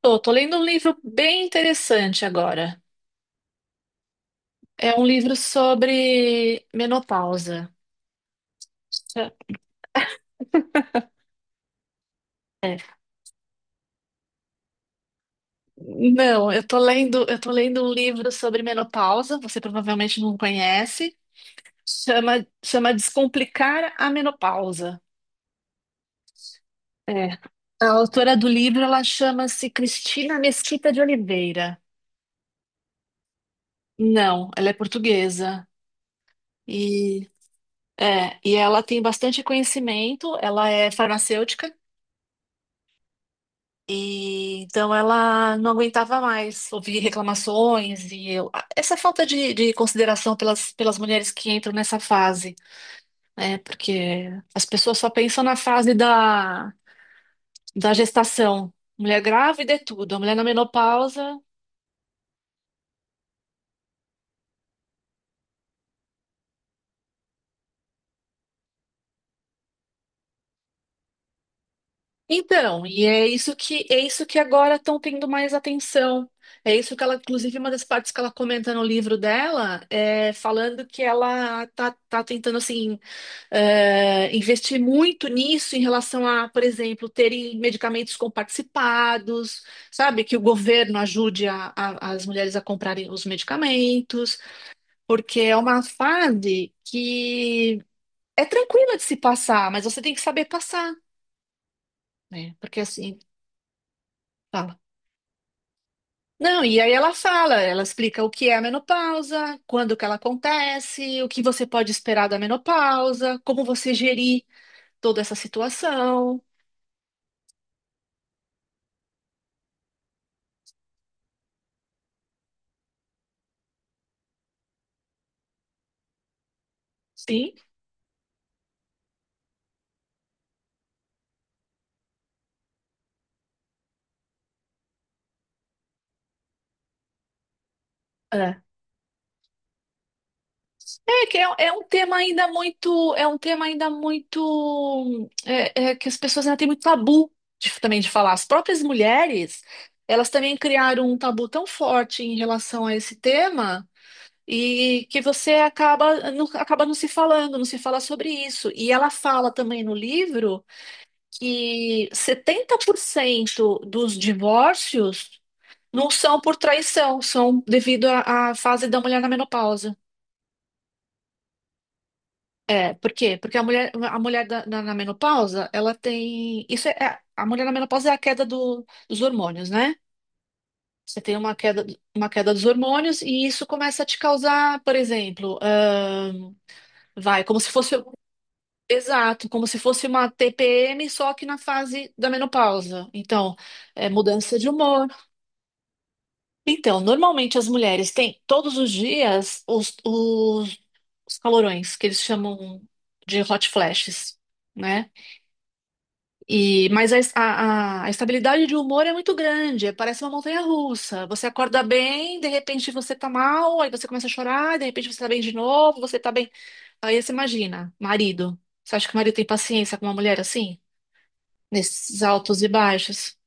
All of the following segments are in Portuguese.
Tô, tô lendo um livro bem interessante agora. É um livro sobre menopausa. É. é. Não, eu tô lendo um livro sobre menopausa, você provavelmente não conhece. Chama Descomplicar a Menopausa. É. A autora do livro, ela chama-se Cristina Mesquita de Oliveira. Não, ela é portuguesa. E e ela tem bastante conhecimento, ela é farmacêutica. E então ela não aguentava mais ouvir reclamações essa falta de consideração pelas mulheres que entram nessa fase, né? Porque as pessoas só pensam na fase da gestação. Mulher grávida é tudo, a mulher na menopausa. Então, é isso que agora estão tendo mais atenção. É isso que ela, inclusive, uma das partes que ela comenta no livro dela é falando que ela tá tentando assim investir muito nisso em relação a, por exemplo, terem medicamentos comparticipados, sabe? Que o governo ajude as mulheres a comprarem os medicamentos, porque é uma fase que é tranquila de se passar, mas você tem que saber passar, né? Porque assim, fala. Não, e aí ela fala, ela explica o que é a menopausa, quando que ela acontece, o que você pode esperar da menopausa, como você gerir toda essa situação. Sim. É, é que é, é um tema ainda muito, é um tema ainda muito, é que as pessoas ainda têm muito tabu também de falar. As próprias mulheres, elas também criaram um tabu tão forte em relação a esse tema. E que você acaba não se falando, não se fala sobre isso. E ela fala também no livro que 70% dos divórcios não são por traição, são devido à fase da mulher na menopausa. É, por quê? Porque a mulher na menopausa, ela tem. A mulher na menopausa é a queda dos hormônios, né? Você tem uma queda dos hormônios e isso começa a te causar, por exemplo, vai, como se fosse. Exato, como se fosse uma TPM, só que na fase da menopausa. Então, é mudança de humor. Então, normalmente as mulheres têm todos os dias os calorões, que eles chamam de hot flashes, né? Mas a estabilidade de humor é muito grande, parece uma montanha-russa. Você acorda bem, de repente você tá mal, aí você começa a chorar, de repente você tá bem de novo, você tá bem. Aí você imagina, marido. Você acha que o marido tem paciência com uma mulher assim, nesses altos e baixos?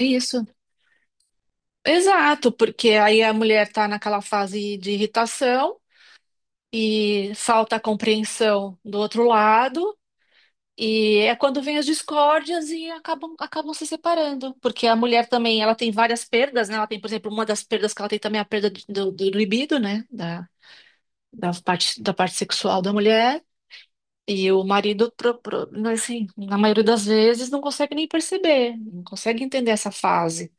É isso, exato, porque aí a mulher está naquela fase de irritação e falta a compreensão do outro lado, e é quando vem as discórdias e acabam se separando, porque a mulher também ela tem várias perdas, né? Ela tem, por exemplo, uma das perdas que ela tem também é a perda do libido, né? Da parte sexual da mulher. E o marido, assim, na maioria das vezes, não consegue nem perceber, não consegue entender essa fase.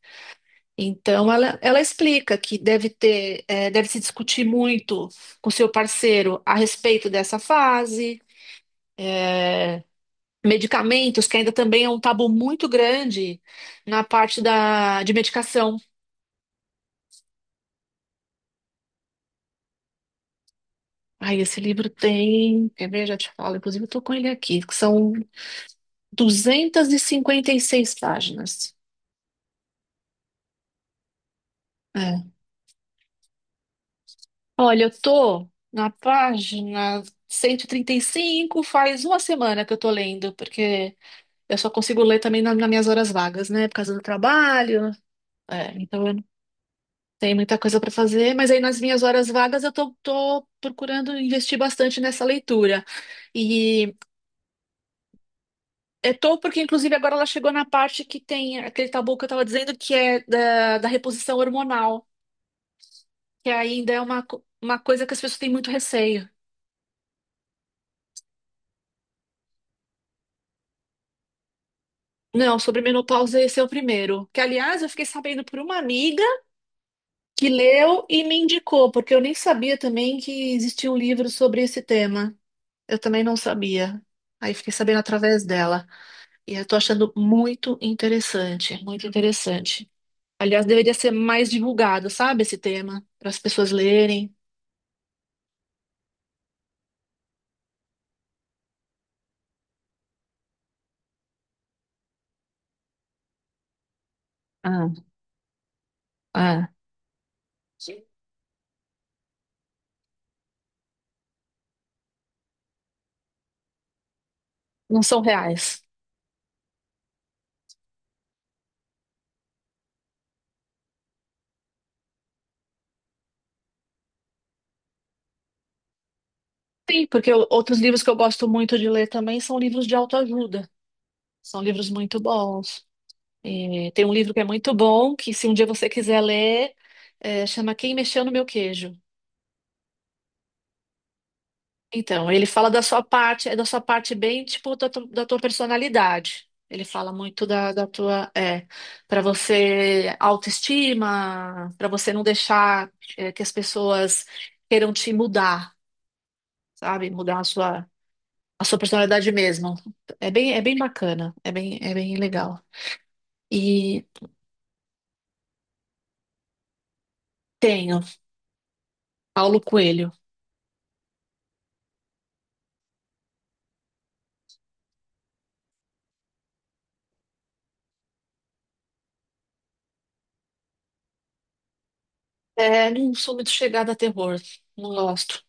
Então, ela explica que deve ter, deve se discutir muito com seu parceiro a respeito dessa fase, medicamentos, que ainda também é um tabu muito grande na parte de medicação. Aí, esse livro tem, quer ver, já te falo, inclusive eu estou com ele aqui, que são 256 páginas. É. Olha, eu tô na página 135, faz uma semana que eu tô lendo, porque eu só consigo ler também nas minhas horas vagas, né? Por causa do trabalho. É, então eu não tenho muita coisa para fazer, mas aí nas minhas horas vagas eu tô procurando investir bastante nessa leitura. E eu tô porque, inclusive, agora ela chegou na parte que tem aquele tabu que eu estava dizendo que é da reposição hormonal, que ainda é uma coisa que as pessoas têm muito receio. Não, sobre menopausa esse é o primeiro. Que, aliás, eu fiquei sabendo por uma amiga que leu e me indicou, porque eu nem sabia também que existia um livro sobre esse tema. Eu também não sabia. Aí fiquei sabendo através dela. E eu tô achando muito interessante, muito interessante. Aliás, deveria ser mais divulgado, sabe, esse tema, para as pessoas lerem. Ah, ah, não são reais. Sim, porque outros livros que eu gosto muito de ler também são livros de autoajuda. São livros muito bons. É, tem um livro que é muito bom, que se um dia você quiser ler, chama Quem Mexeu no Meu Queijo. Então, ele fala da sua parte, é da sua parte bem, tipo, da tua personalidade. Ele fala muito da tua, é, para você autoestima, para você não deixar, é, que as pessoas queiram te mudar, sabe? Mudar a sua personalidade mesmo. É bem bacana, é bem legal. E tenho Paulo Coelho. É, não sou muito chegada a terror. Não gosto.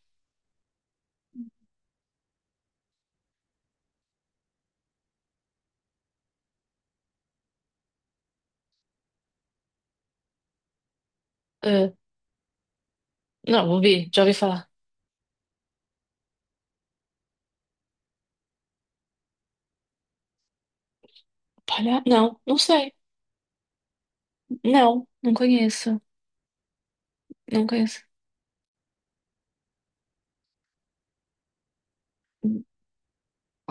É, não, ouvi, já ouvi falar. Palha... Não, não sei. Não, não conheço. Não conheço.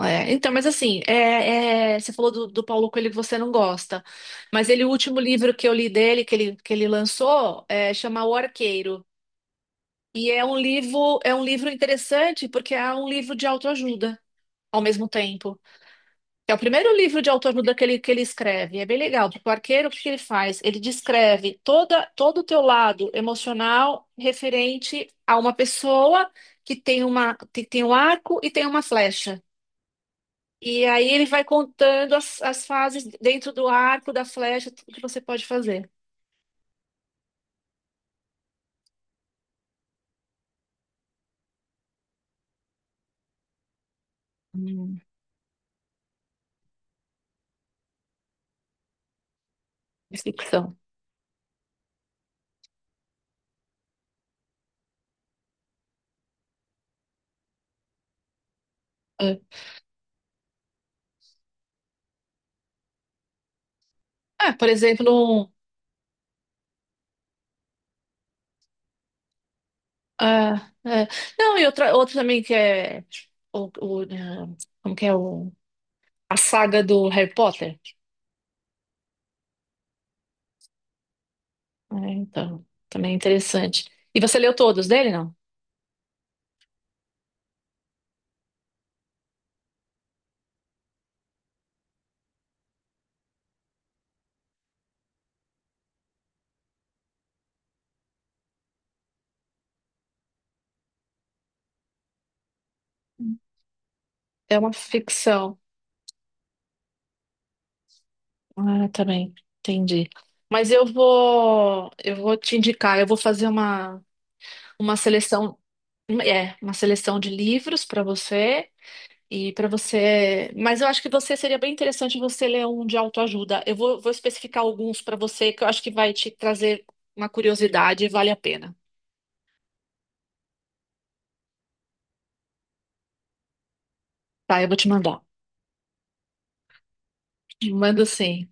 É, então, mas assim, é, é, você falou do Paulo Coelho que você não gosta. Mas ele, o último livro que eu li dele, que ele lançou, é, chama O Arqueiro. E é um livro interessante porque é um livro de autoajuda ao mesmo tempo. É o primeiro livro de autoajuda que ele escreve. É bem legal, porque o arqueiro, o que ele faz? Ele descreve toda, todo o teu lado emocional referente a uma pessoa que tem uma, que tem um arco e tem uma flecha. E aí ele vai contando as fases dentro do arco, da flecha, tudo que você pode fazer. Hum, é ficção. É. Ah, por exemplo, um, ah, é. Não, e outra, outro também que é o, ah, como que é o, a saga do Harry Potter. É, então, também é interessante. E você leu todos dele, não? É uma ficção. Ah, também, entendi. Mas eu vou te indicar, eu vou fazer uma seleção, uma seleção de livros para você e para você, mas eu acho que você seria bem interessante você ler um de autoajuda. Vou especificar alguns para você que eu acho que vai te trazer uma curiosidade e vale a pena. Tá, eu vou te mandar. Mando sim.